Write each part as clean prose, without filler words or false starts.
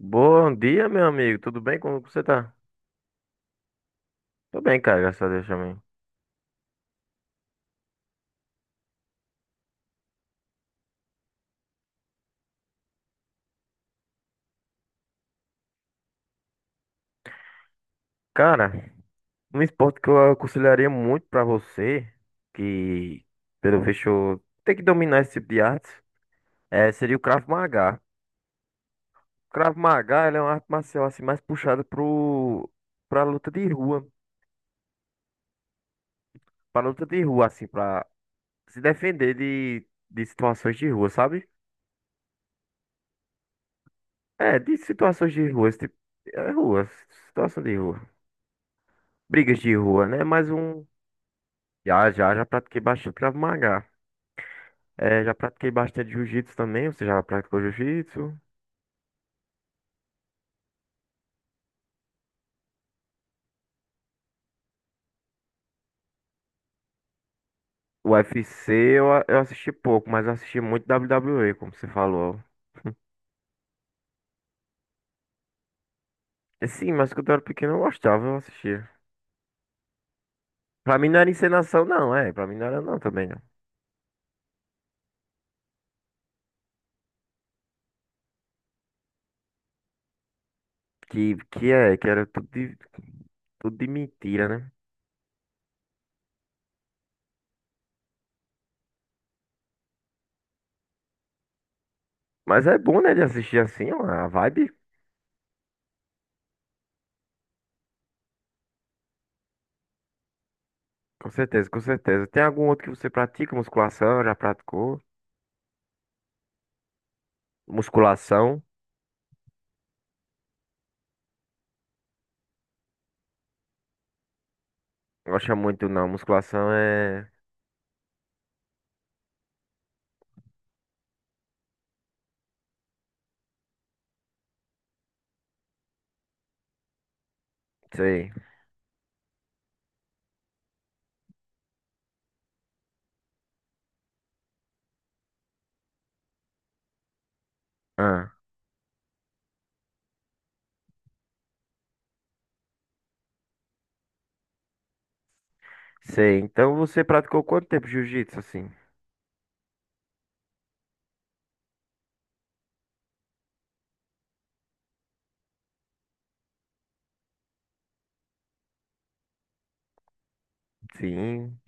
Bom dia, meu amigo. Tudo bem? Como você tá? Tô bem, cara, graças a Deus também. Cara, um esporte que eu aconselharia muito pra você, que pelo visto tem que dominar esse tipo de arte, seria o Krav Maga. Krav Maga, ele é uma arte marcial assim mais puxada pro pra luta de rua, pra luta de rua assim, pra se defender de situações de rua, sabe? É, de situações de rua, esse tipo, é rua, situação de rua. Brigas de rua, né? Mais um. Já pratiquei bastante Krav Maga. É, já pratiquei bastante Jiu-Jitsu também. Você já praticou Jiu-Jitsu? O C eu, a- eu assisti pouco, mas eu assisti muito WWE, como você falou. É, sim, mas quando eu era pequeno eu gostava, eu assistia. Pra mim não era encenação, não, é. Pra mim não era não também, não. Que era tudo de mentira, né? Mas é bom, né, de assistir assim, ó, a vibe. Com certeza, com certeza. Tem algum outro que você pratica? Musculação, já praticou? Musculação? Não gosta muito, não. Musculação é... Sei. Ah, sei. Então você praticou quanto tempo jiu-jitsu, assim? Sim,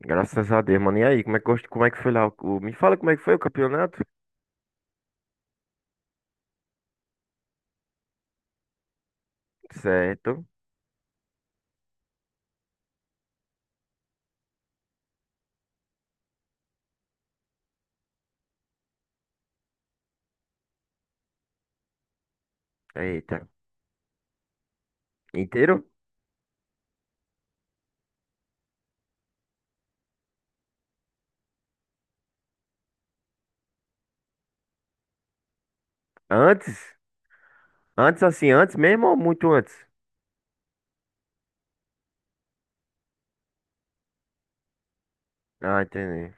graças a Deus, mano. E aí, como é que, como é que foi lá? Me fala como é que foi o campeonato? Certo. Eita. Inteiro? Antes? Antes, assim, antes mesmo ou muito antes? Ah, entendi.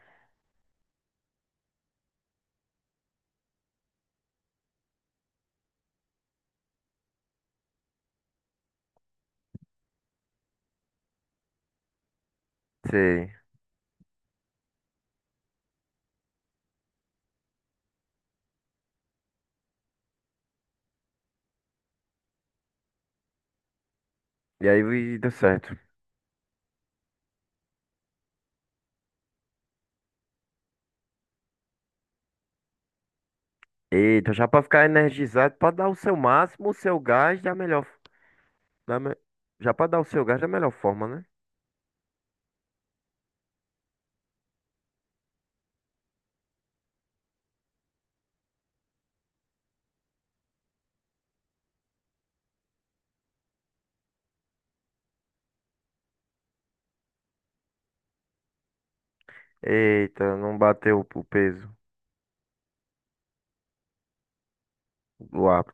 Sei. E aí e deu certo. Eita, já pra ficar energizado, pra dar o seu máximo, o seu gás da melhor. Da me- Já pra dar o seu gás da melhor forma, né? Eita, não bateu o peso do ar.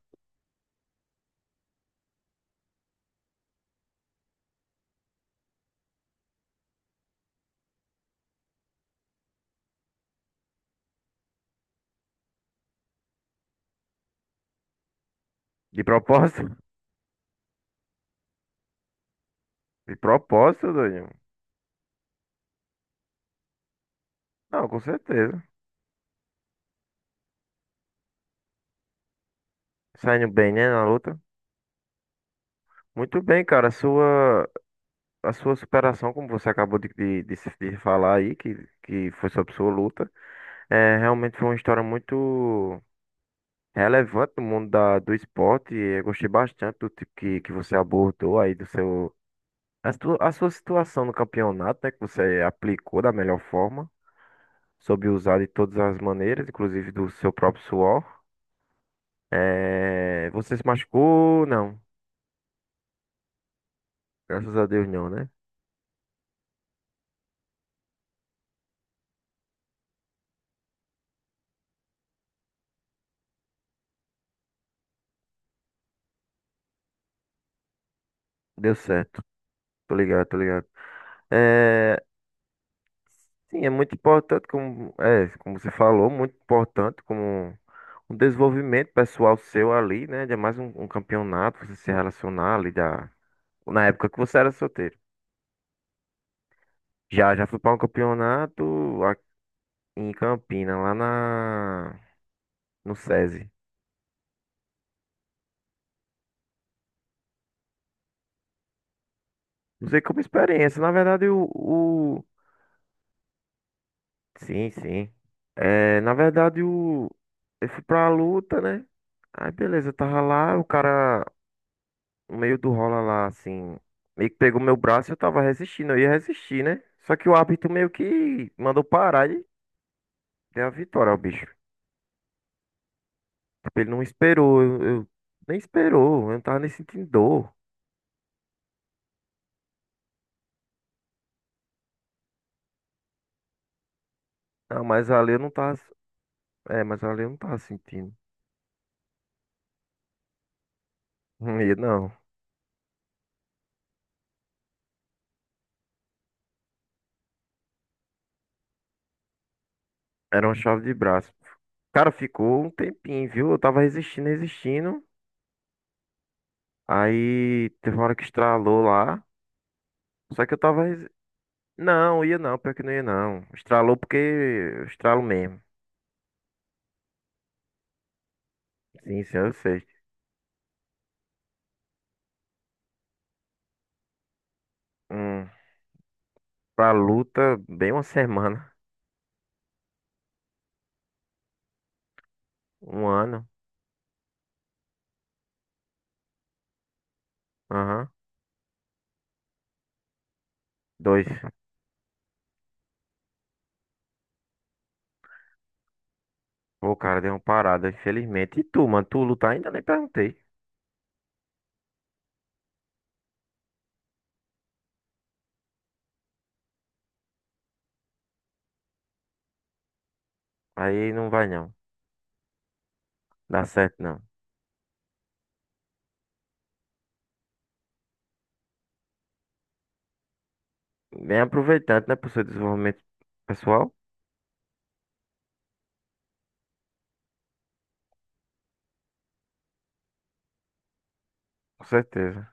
De propósito? De propósito, doido. Não, com certeza. Saindo bem, né, na luta. Muito bem, cara. A sua superação, como você acabou de, se- de falar aí, que foi sobre sua luta, realmente foi uma história muito relevante no mundo do esporte. E eu gostei bastante do tipo que você abordou aí, do seu, a sua situação no campeonato, né, que você aplicou da melhor forma, soube usar de todas as maneiras, inclusive do seu próprio suor. É, você se machucou? Não. Graças a Deus, não, né? Deu certo. Tô ligado, tô ligado. É, sim, é muito importante, como você falou, muito importante como um desenvolvimento pessoal seu ali, né? Um campeonato, você se relacionar ali da, na época que você era solteiro. Já fui para um campeonato em Campina, no SESI. Usei como experiência. Na verdade, sim, sim. É, na verdade, o... eu fui pra luta, né? Aí beleza, eu tava lá, o cara, no meio do rola lá, assim, meio que pegou meu braço e eu tava resistindo, eu ia resistir, né? Só que o árbitro meio que mandou parar e deu a vitória ao bicho. Tipo, ele não esperou, nem esperou, eu não tava nem sentindo dor. Ah, mas ali eu não tava, é, mas ali eu não tava sentindo. Não ia, não, era uma chave de braço. Cara, ficou um tempinho, viu? Eu tava resistindo, resistindo. Aí teve uma hora que estralou lá. Só que eu tava. Resi- Não, ia não, pior que não ia não. Estralou porque eu estralo mesmo. Sim, sim, eu sei. Um, pra luta, bem uma semana. Um ano. Aham. Dois. Pô, cara, deu uma parada, infelizmente. E tu, mano? Tu luta ainda? Nem perguntei. Aí não vai não. Dá certo não. Bem aproveitante, né? Pro seu desenvolvimento pessoal. Com certeza.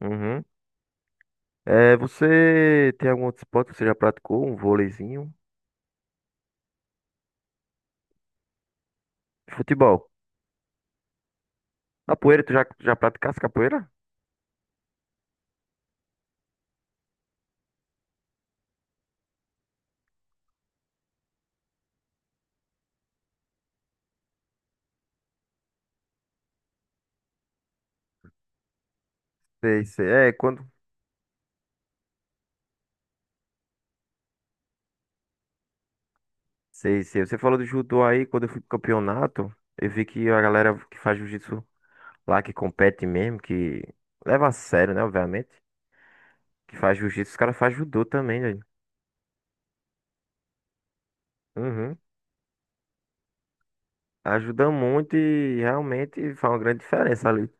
Uhum. É, você tem algum outro esporte que você já praticou? Um vôleizinho? Futebol. Capoeira, já praticaste capoeira? Sei, sei. Sei, sei. Você falou do judô aí, quando eu fui pro campeonato, eu vi que a galera que faz jiu-jitsu lá, que compete mesmo, que leva a sério, né, obviamente, que faz jiu-jitsu, os caras fazem judô também, velho. Uhum. Ajuda muito e realmente faz uma grande diferença ali.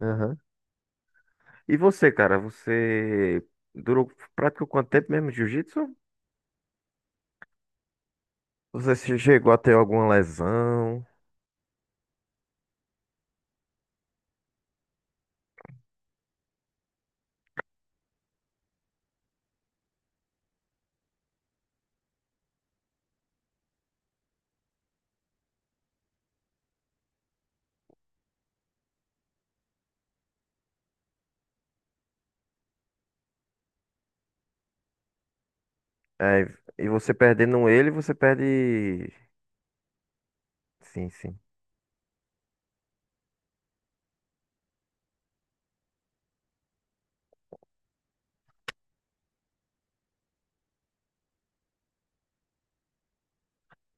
Uhum. E você, cara, você durou, praticou quanto tempo mesmo de jiu-jitsu? Você chegou a ter alguma lesão? É, e você perdendo ele, você perde... Sim, sim.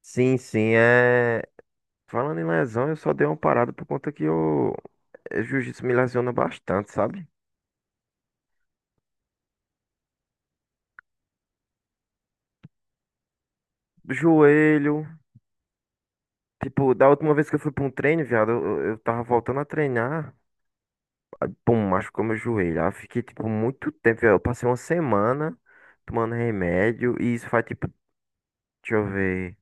Sim, sim, é... Falando em lesão, eu só dei uma parada por conta que o jiu-jitsu me lesiona bastante, sabe? Do joelho. Tipo, da última vez que eu fui pra um treino, viado, eu tava voltando a treinar. Pum, machucou meu joelho. Aí eu fiquei, tipo, muito tempo, viado. Eu passei uma semana tomando remédio. E isso faz, tipo, deixa eu ver.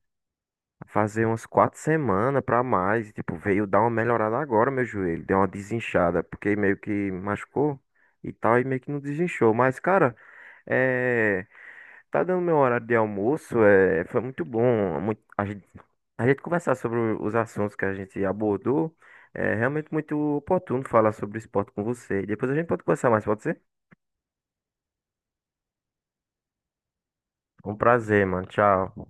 Fazer umas quatro semanas pra mais. E tipo, veio dar uma melhorada agora, meu joelho. Deu uma desinchada, porque meio que machucou e tal. E meio que não desinchou. Mas, cara, é. Tá dando meu horário de almoço, é, foi muito bom. A gente conversar sobre os assuntos que a gente abordou. É realmente muito oportuno falar sobre esporte com você. Depois a gente pode conversar mais, pode ser? Um prazer, mano. Tchau.